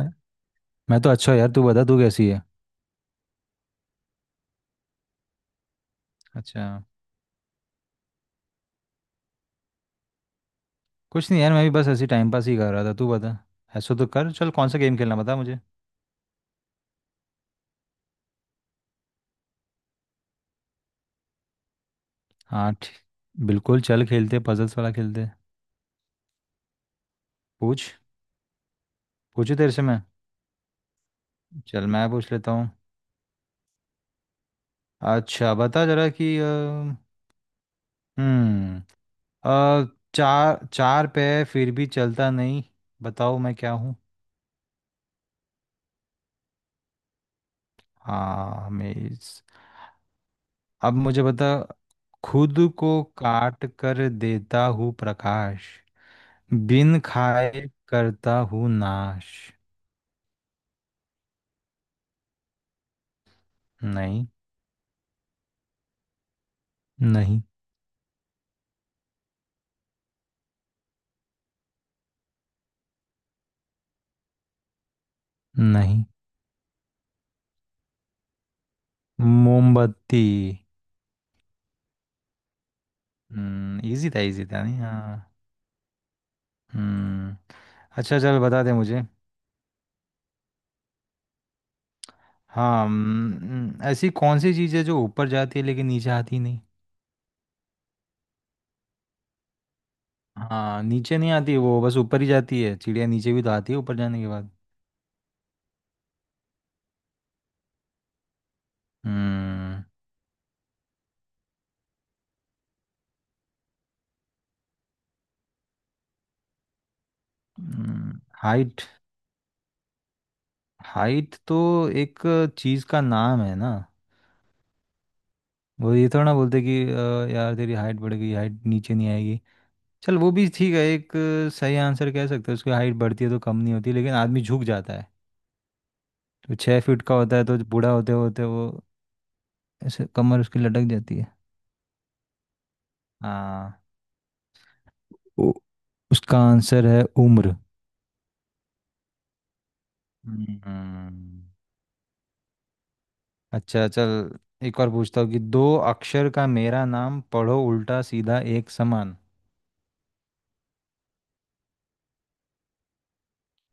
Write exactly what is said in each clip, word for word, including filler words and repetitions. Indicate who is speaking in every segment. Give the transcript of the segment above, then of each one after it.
Speaker 1: है? मैं तो अच्छा हूँ यार। तू बता, तू कैसी है? अच्छा। कुछ नहीं यार, मैं भी बस ऐसे टाइम पास ही कर रहा था। तू बता। ऐसा तो कर, चल कौन सा गेम खेलना बता मुझे। हाँ, ठीक। बिल्कुल, चल खेलते, पजल्स वाला खेलते। पूछ। पूछू तेरे से मैं? चल मैं पूछ लेता हूँ। अच्छा, बता जरा कि अ, हम्म अ, चार चार पे फिर भी चलता नहीं, बताओ मैं क्या हूँ? हाँ, मेज। अब मुझे बता। खुद को काट कर देता हूँ प्रकाश, बिन खाए करता हूँ नाश। नहीं। नहीं। नहीं। मोमबत्ती। हम्म इजी था, इजी था नहीं, हाँ। हम्म। अच्छा चल, बता दे मुझे। हाँ। हम्म, ऐसी कौन सी चीज़ है जो ऊपर जाती है लेकिन नीचे आती नहीं? हाँ, नीचे नहीं आती, वो बस ऊपर ही जाती है। चिड़िया नीचे भी तो आती है ऊपर जाने के बाद। हम्म। हाइट हाइट तो एक चीज़ का नाम है ना। वो ये थोड़ा ना बोलते कि "अ, यार तेरी हाइट बढ़ गई, हाइट नीचे नहीं आएगी"। चल वो भी ठीक है। एक अ, सही आंसर कह सकते हैं, उसकी हाइट बढ़ती है तो कम नहीं होती, लेकिन आदमी झुक जाता है। तो छः फीट का होता है तो बूढ़ा होते होते वो ऐसे कमर उसकी लटक जाती है। हाँ। ओ, उसका आंसर है उम्र। हम्म। अच्छा चल, एक और पूछता हूँ कि दो अक्षर का मेरा नाम पढ़ो, उल्टा सीधा एक समान।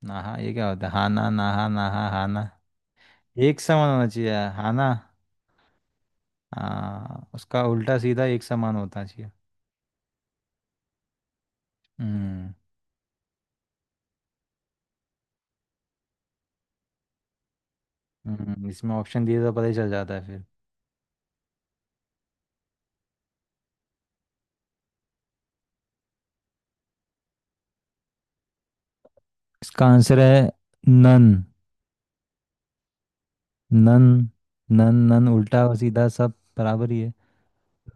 Speaker 1: नाहा, ये क्या होता है, हाना, नाहा, नाहा, हाना। एक समान होना चाहिए। हाना। हाँ, उसका उल्टा सीधा एक समान होना चाहिए। हम्म। हम्म, इसमें ऑप्शन दिए तो पता ही चल जाता है फिर। इसका आंसर है नन नन। नन नन, उल्टा और सीधा सब बराबर ही है।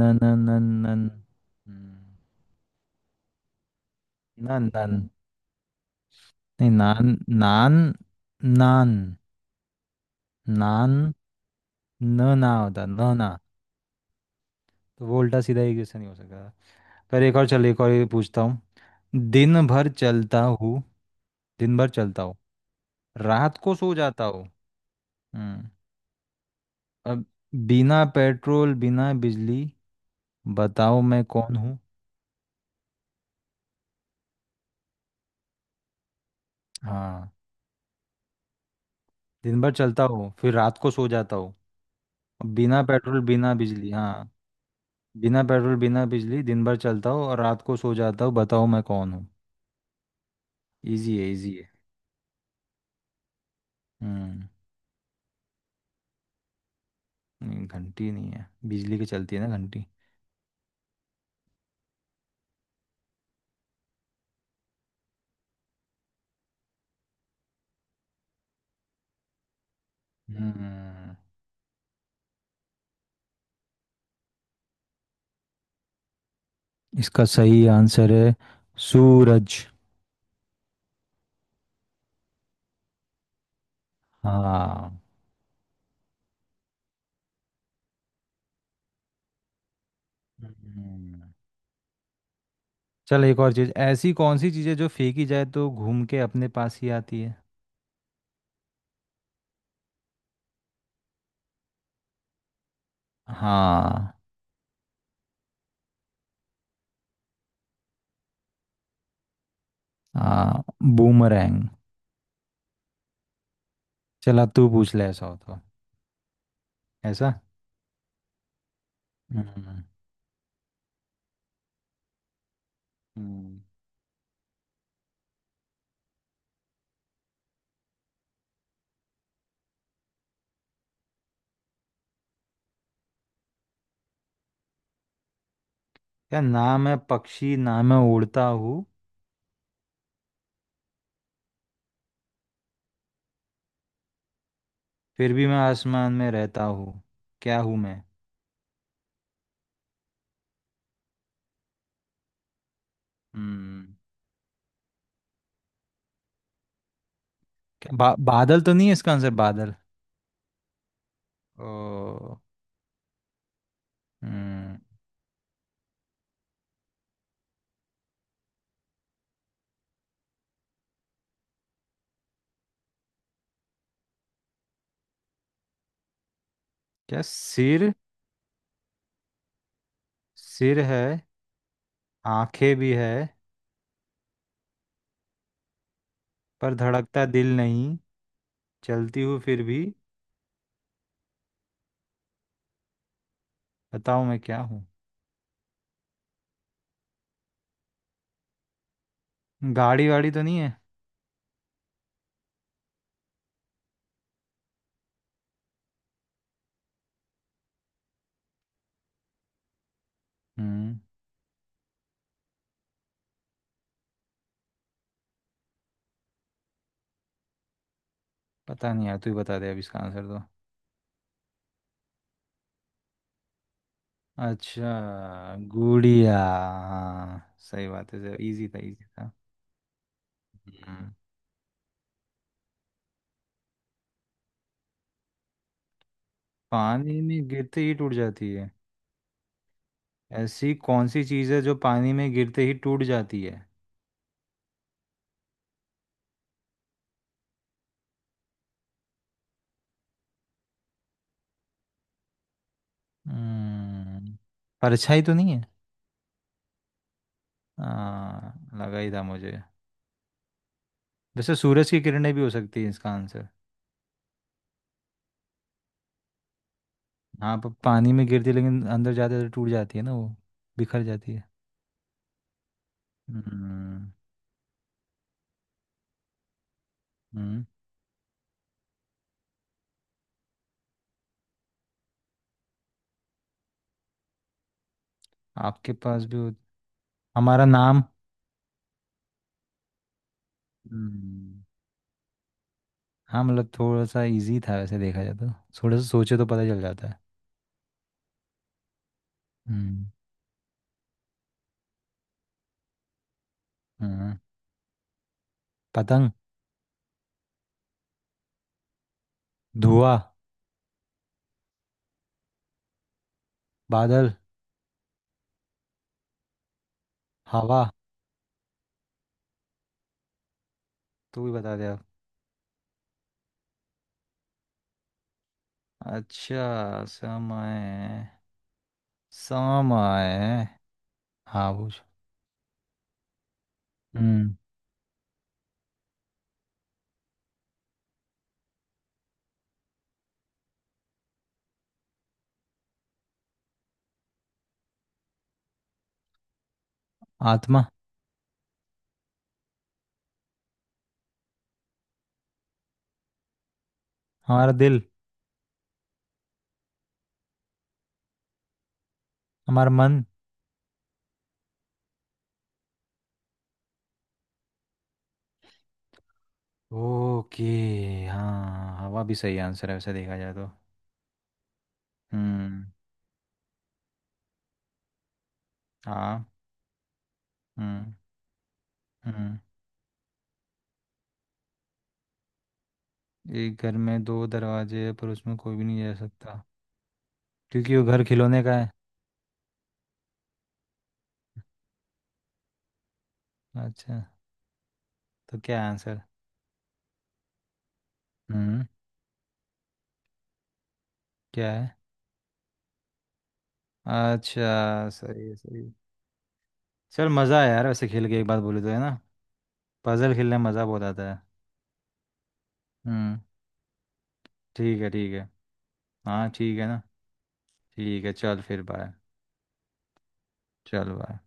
Speaker 1: None none none none. हम्म। None none. नहीं, नान। नान। नान। नान। न ना होता, न ना। तो वो उल्टा सीधा एक जैसा नहीं हो सकता। पर एक और, चल एक और ये पूछता हूँ। दिन भर चलता हूँ। दिन भर चलता हूँ, रात को सो जाता हूँ। हम्म। अब, बिना पेट्रोल बिना बिजली, बताओ मैं कौन हूँ? हाँ, दिन भर चलता हूँ फिर रात को सो जाता हूँ। अब बिना पेट्रोल बिना बिजली, हाँ। बिना पेट्रोल बिना बिजली दिन भर चलता हूँ और रात को सो जाता हूँ, बताओ मैं कौन हूँ? इजी है, इजी है। हम्म। नहीं, घंटी नहीं है, बिजली की चलती है ना घंटी। हम्म। इसका सही आंसर है सूरज। हाँ। हम्म। चल एक और चीज, ऐसी कौन सी चीजें जो फेंकी जाए तो घूम के अपने पास ही आती है? हाँ। हाँ, बूमरैंग। चल अब तू पूछ ले, ऐसा हो तो। ऐसा। हम्म। हम्म। क्या? ना मैं पक्षी, ना मैं उड़ता हूँ, फिर भी मैं आसमान में रहता हूँ। क्या हूँ मैं? हम्म। क्या, बा, बादल तो नहीं है इसका आंसर? बादल। ओ। हम्म। क्या, सिर? सिर है, आंखें भी है, पर धड़कता दिल नहीं, चलती हूँ फिर भी, बताओ मैं क्या हूँ? गाड़ी वाड़ी तो नहीं है? हम्म। पता नहीं यार, तू ही बता दे अब इसका आंसर तो। अच्छा, गुड़िया। हाँ, सही बात है सर, इजी था, इजी था। हम्म। पानी में गिरते ही टूट जाती है। ऐसी कौन सी चीज़ है जो पानी में गिरते ही टूट जाती है? हम्म। परछाई तो नहीं है? हाँ। लगा ही था मुझे। वैसे सूरज की किरणें भी हो सकती है इसका आंसर। हाँ, पर पानी में गिरती लेकिन अंदर जाते तो टूट जाती है ना वो, बिखर जाती है। हम्म। हम्म आपके पास भी हो- हमारा नाम। हम्म। हाँ, मतलब थोड़ा सा इजी था वैसे देखा जाए तो। थोड़ा सा सोचे तो पता चल जाता है। हम्म। हाँ, पतंग। धुआं। बादल। हवा। तू भी बता दे आप। अच्छा, समय। समय। हाँ, पूछ। हम्म। आत्मा। हमारा दिल। हमारा मन। ओके। हाँ, हवा भी सही आंसर है वैसे देखा जाए तो। हम्म। हाँ। हम्म। हम्म। एक घर में दो दरवाजे हैं पर उसमें कोई भी नहीं जा सकता, क्योंकि वो घर खिलौने का है। अच्छा। तो क्या है आंसर? हम्म। क्या है? अच्छा, सही है, सही है। चल मज़ा आया यार, वैसे खेल के, एक बात बोले तो, है ना। पजल खेलने में मज़ा बहुत आता है। हम्म। ठीक है, ठीक है। हाँ, ठीक है ना। ठीक है, चल फिर बाय। चल बाय।